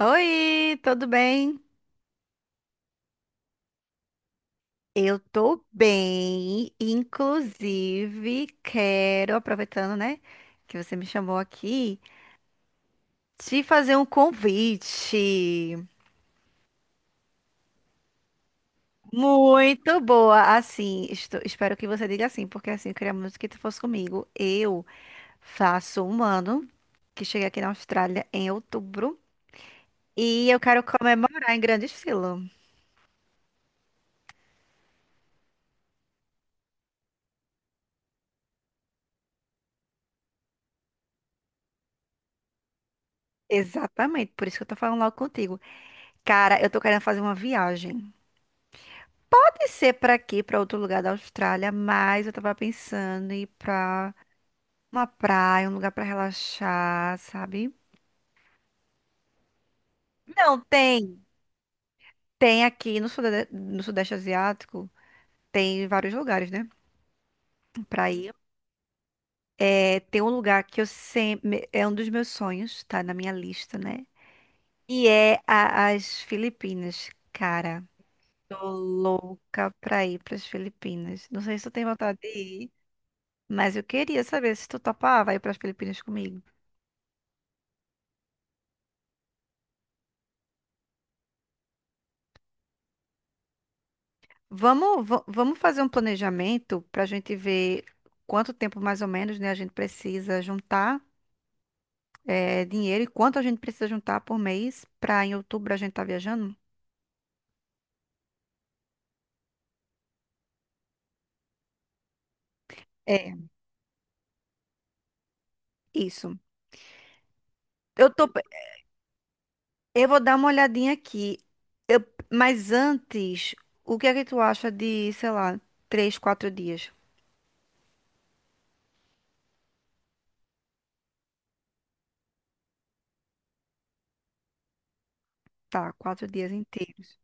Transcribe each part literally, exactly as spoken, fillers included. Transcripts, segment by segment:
Oi, tudo bem? Eu tô bem, inclusive quero, aproveitando, né, que você me chamou aqui, te fazer um convite. Muito boa, assim, estou- espero que você diga assim, porque assim, eu queria muito que tu fosse comigo. Eu faço um ano que cheguei aqui na Austrália em outubro e eu quero comemorar em grande estilo. Exatamente, por isso que eu tô falando logo contigo. Cara, eu tô querendo fazer uma viagem. Pode ser para aqui, para outro lugar da Austrália, mas eu tava pensando em ir pra uma praia, um lugar para relaxar, sabe? Não, tem. Tem aqui no Sudeste, no Sudeste Asiático, tem vários lugares, né? Pra ir. É, tem um lugar que eu sempre. É um dos meus sonhos, tá na minha lista, né? E é a- as Filipinas, cara. Tô louca pra ir pras Filipinas. Não sei se tu tem vontade de ir, mas eu queria saber se tu topava ir pras Filipinas comigo. Vamos, va- vamos fazer um planejamento para a gente ver quanto tempo mais ou menos, né, a gente precisa juntar eh, dinheiro e quanto a gente precisa juntar por mês para em outubro a gente estar viajando? É. Isso. Eu tô, pe- eu vou dar uma olhadinha aqui, mas antes, o que é que tu acha de, sei lá, três, quatro dias? Tá, quatro dias inteiros.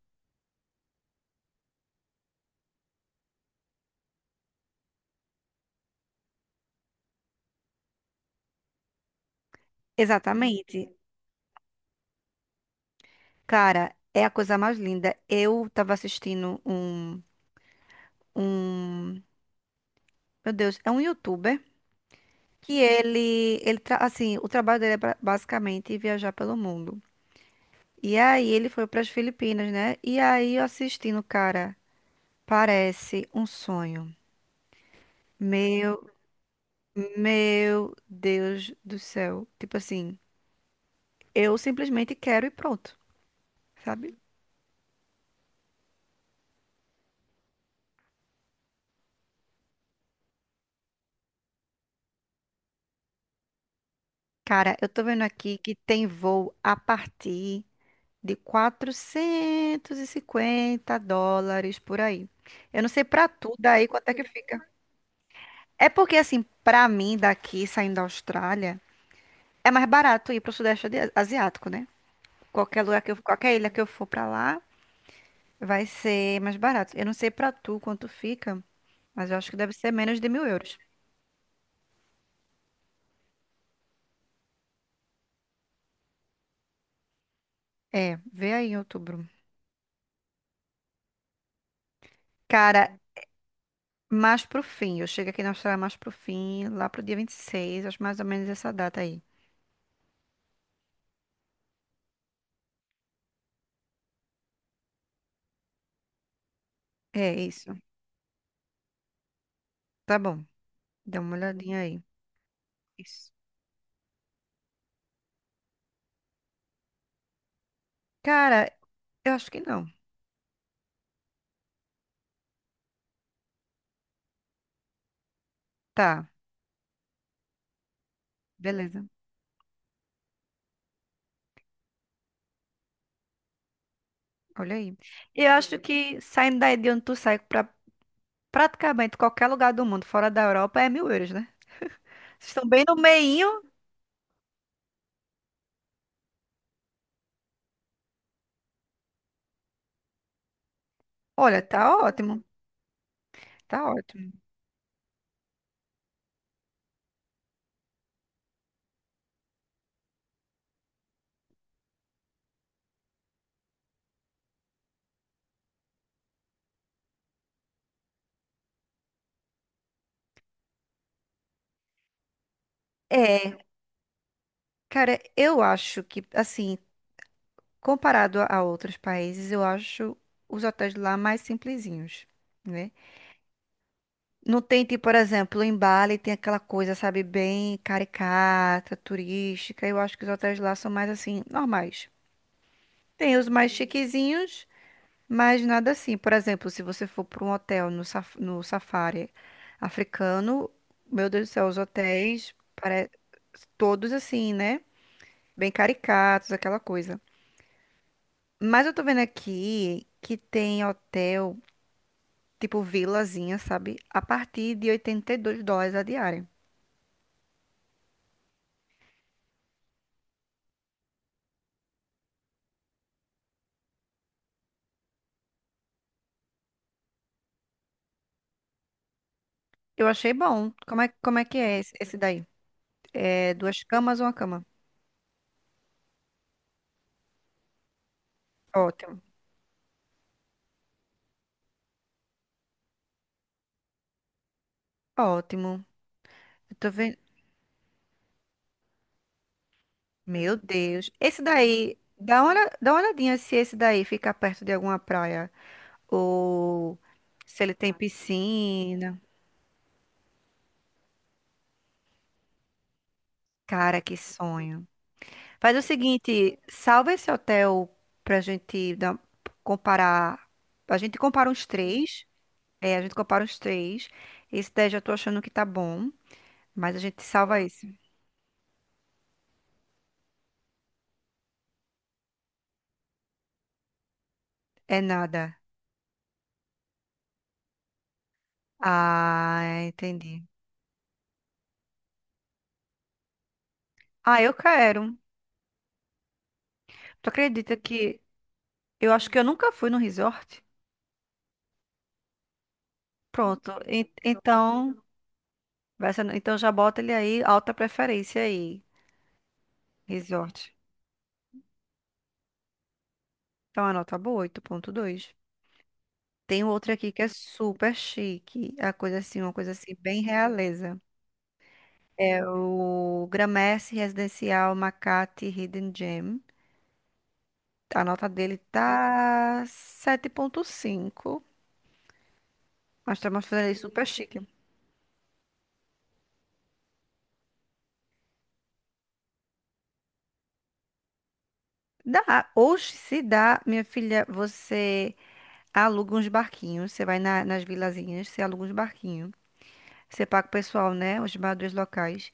Exatamente. Cara, é a coisa mais linda. Eu tava assistindo um, um, meu Deus, é um youtuber. Que ele, ele tra- assim, o trabalho dele é ba- basicamente viajar pelo mundo. E aí ele foi para as Filipinas, né? E aí eu assistindo, cara, parece um sonho. Meu, meu Deus do céu. Tipo assim, eu simplesmente quero e pronto, sabe? Cara, eu tô vendo aqui que tem voo a partir de quatrocentos e cinquenta dólares por aí. Eu não sei pra tu daí quanto é que fica. É porque, assim, pra mim, daqui saindo da Austrália, é mais barato ir pro Sudeste Adi- Asiático, né? Qualquer lugar que eu, qualquer ilha que eu for pra lá, vai ser mais barato. Eu não sei pra tu quanto fica, mas eu acho que deve ser menos de mil euros. É, vê aí em outubro. Cara, mais pro fim. Eu chego aqui na Austrália mais pro fim, lá pro dia vinte e seis. Acho mais ou menos essa data aí. É isso. Tá bom. Dá uma olhadinha aí. Isso. Cara, eu acho que não. Tá, beleza. Olha aí. E eu acho que saindo daí de onde tu sai pra praticamente qualquer lugar do mundo, fora da Europa, é mil euros, né? Vocês estão bem no meinho. Olha, tá ótimo. Tá ótimo. É, cara, eu acho que, assim, comparado a a outros países, eu acho os hotéis lá mais simplesinhos, né? Não tem, tipo, por exemplo, em Bali tem aquela coisa, sabe, bem caricata, turística. Eu acho que os hotéis lá são mais, assim, normais. Tem os mais chiquezinhos. Mas nada assim. Por exemplo, se você for para um hotel no, saf- no safari africano, meu Deus do céu, os hotéis pare... todos assim, né? Bem caricatos, aquela coisa. Mas eu tô vendo aqui que tem hotel, tipo vilazinha, sabe? A partir de 82 dólares a diária. Eu achei bom. Como é, como é que é esse esse daí? É duas camas ou uma cama? Ótimo. Ótimo. Eu tô vendo. Meu Deus. Esse daí, dá uma, olha- dá uma olhadinha se esse daí fica perto de alguma praia. Ou se ele tem piscina. Cara, que sonho. Faz o seguinte, salva esse hotel pra gente dar- comparar. A gente compara uns três. É, a gente compara uns três. Esse daí já tô achando que tá bom. Mas a gente salva esse. É nada. Ah, entendi. Ah, eu quero. Tu acredita que eu acho que eu nunca fui no resort? Pronto. En- Então, vai ser- então já bota ele aí, alta preferência aí, resort. Então, a nota boa, oito ponto dois. Tem outro aqui que é super chique. É a coisa assim, uma coisa assim, bem realeza. É o Gramercy Residencial Makati Hidden Gem. A nota dele tá sete ponto cinco. Nós estamos fazendo ele super chique. Dá. Hoje, se dá, minha filha, você aluga uns barquinhos. Você vai na- nas vilazinhas, você aluga uns barquinhos. Você paga o pessoal, né? Os barbeadores locais.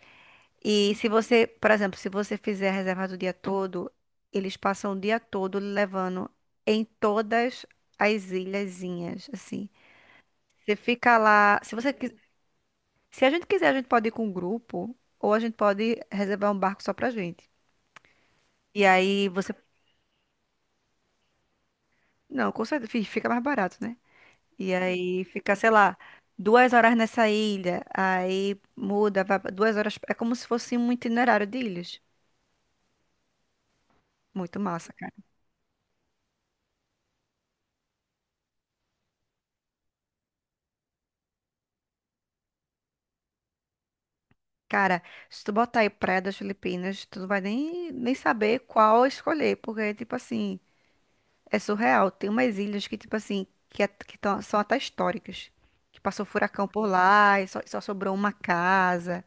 E se você, por exemplo, se você fizer a reserva do dia todo, eles passam o dia todo lhe levando em todas as ilhazinhas, assim. Você fica lá, se você quis- se a gente quiser, a gente pode ir com um grupo ou a gente pode reservar um barco só pra gente. E aí você, não, com certeza fi- fica mais barato, né? E aí fica, sei lá, duas horas nessa ilha, aí muda, vai pra duas horas, é como se fosse um itinerário de ilhas. Muito massa. Cara, se tu botar aí Praia das Filipinas, tu não vai nem, nem saber qual escolher, porque, tipo assim, é surreal. Tem umas ilhas que, tipo assim, que, é- que tão- são até históricas. Que passou furacão por lá e só, só sobrou uma casa.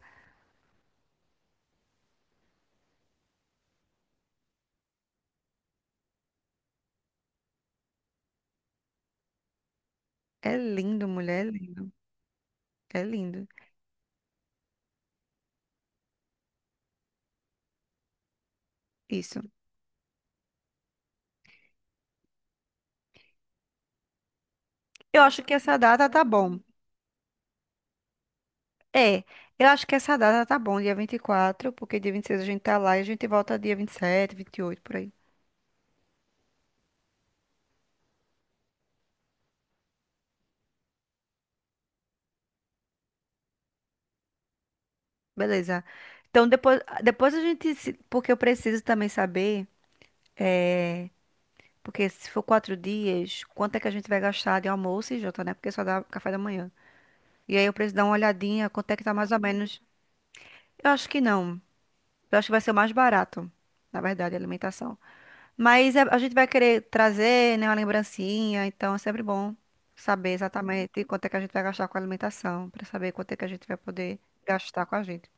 É lindo, mulher, é lindo. É lindo. Isso. Eu acho que essa data tá bom. É, eu acho que essa data tá bom, dia vinte e quatro, porque dia vinte e seis a gente tá lá e a gente volta dia vinte vinte e sete, vinte e oito por aí. Beleza. Então, depois, depois a gente. se- Porque eu preciso também saber. É, porque se for quatro dias, quanto é que a gente vai gastar de almoço e janta, né? Porque só dá café da manhã. E aí eu preciso dar uma olhadinha, quanto é que tá mais ou menos. Eu acho que não. Eu acho que vai ser o mais barato, na verdade, a alimentação. Mas é- a gente vai querer trazer, né, uma lembrancinha, então é sempre bom saber exatamente quanto é que a gente vai gastar com a alimentação, pra saber quanto é que a gente vai poder gastar com a gente.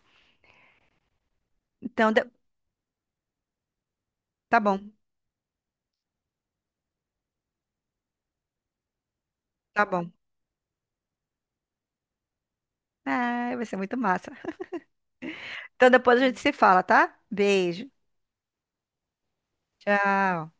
Então, de- tá bom, tá bom. É, vai ser muito massa. Então depois a gente se fala, tá? Beijo. Tchau.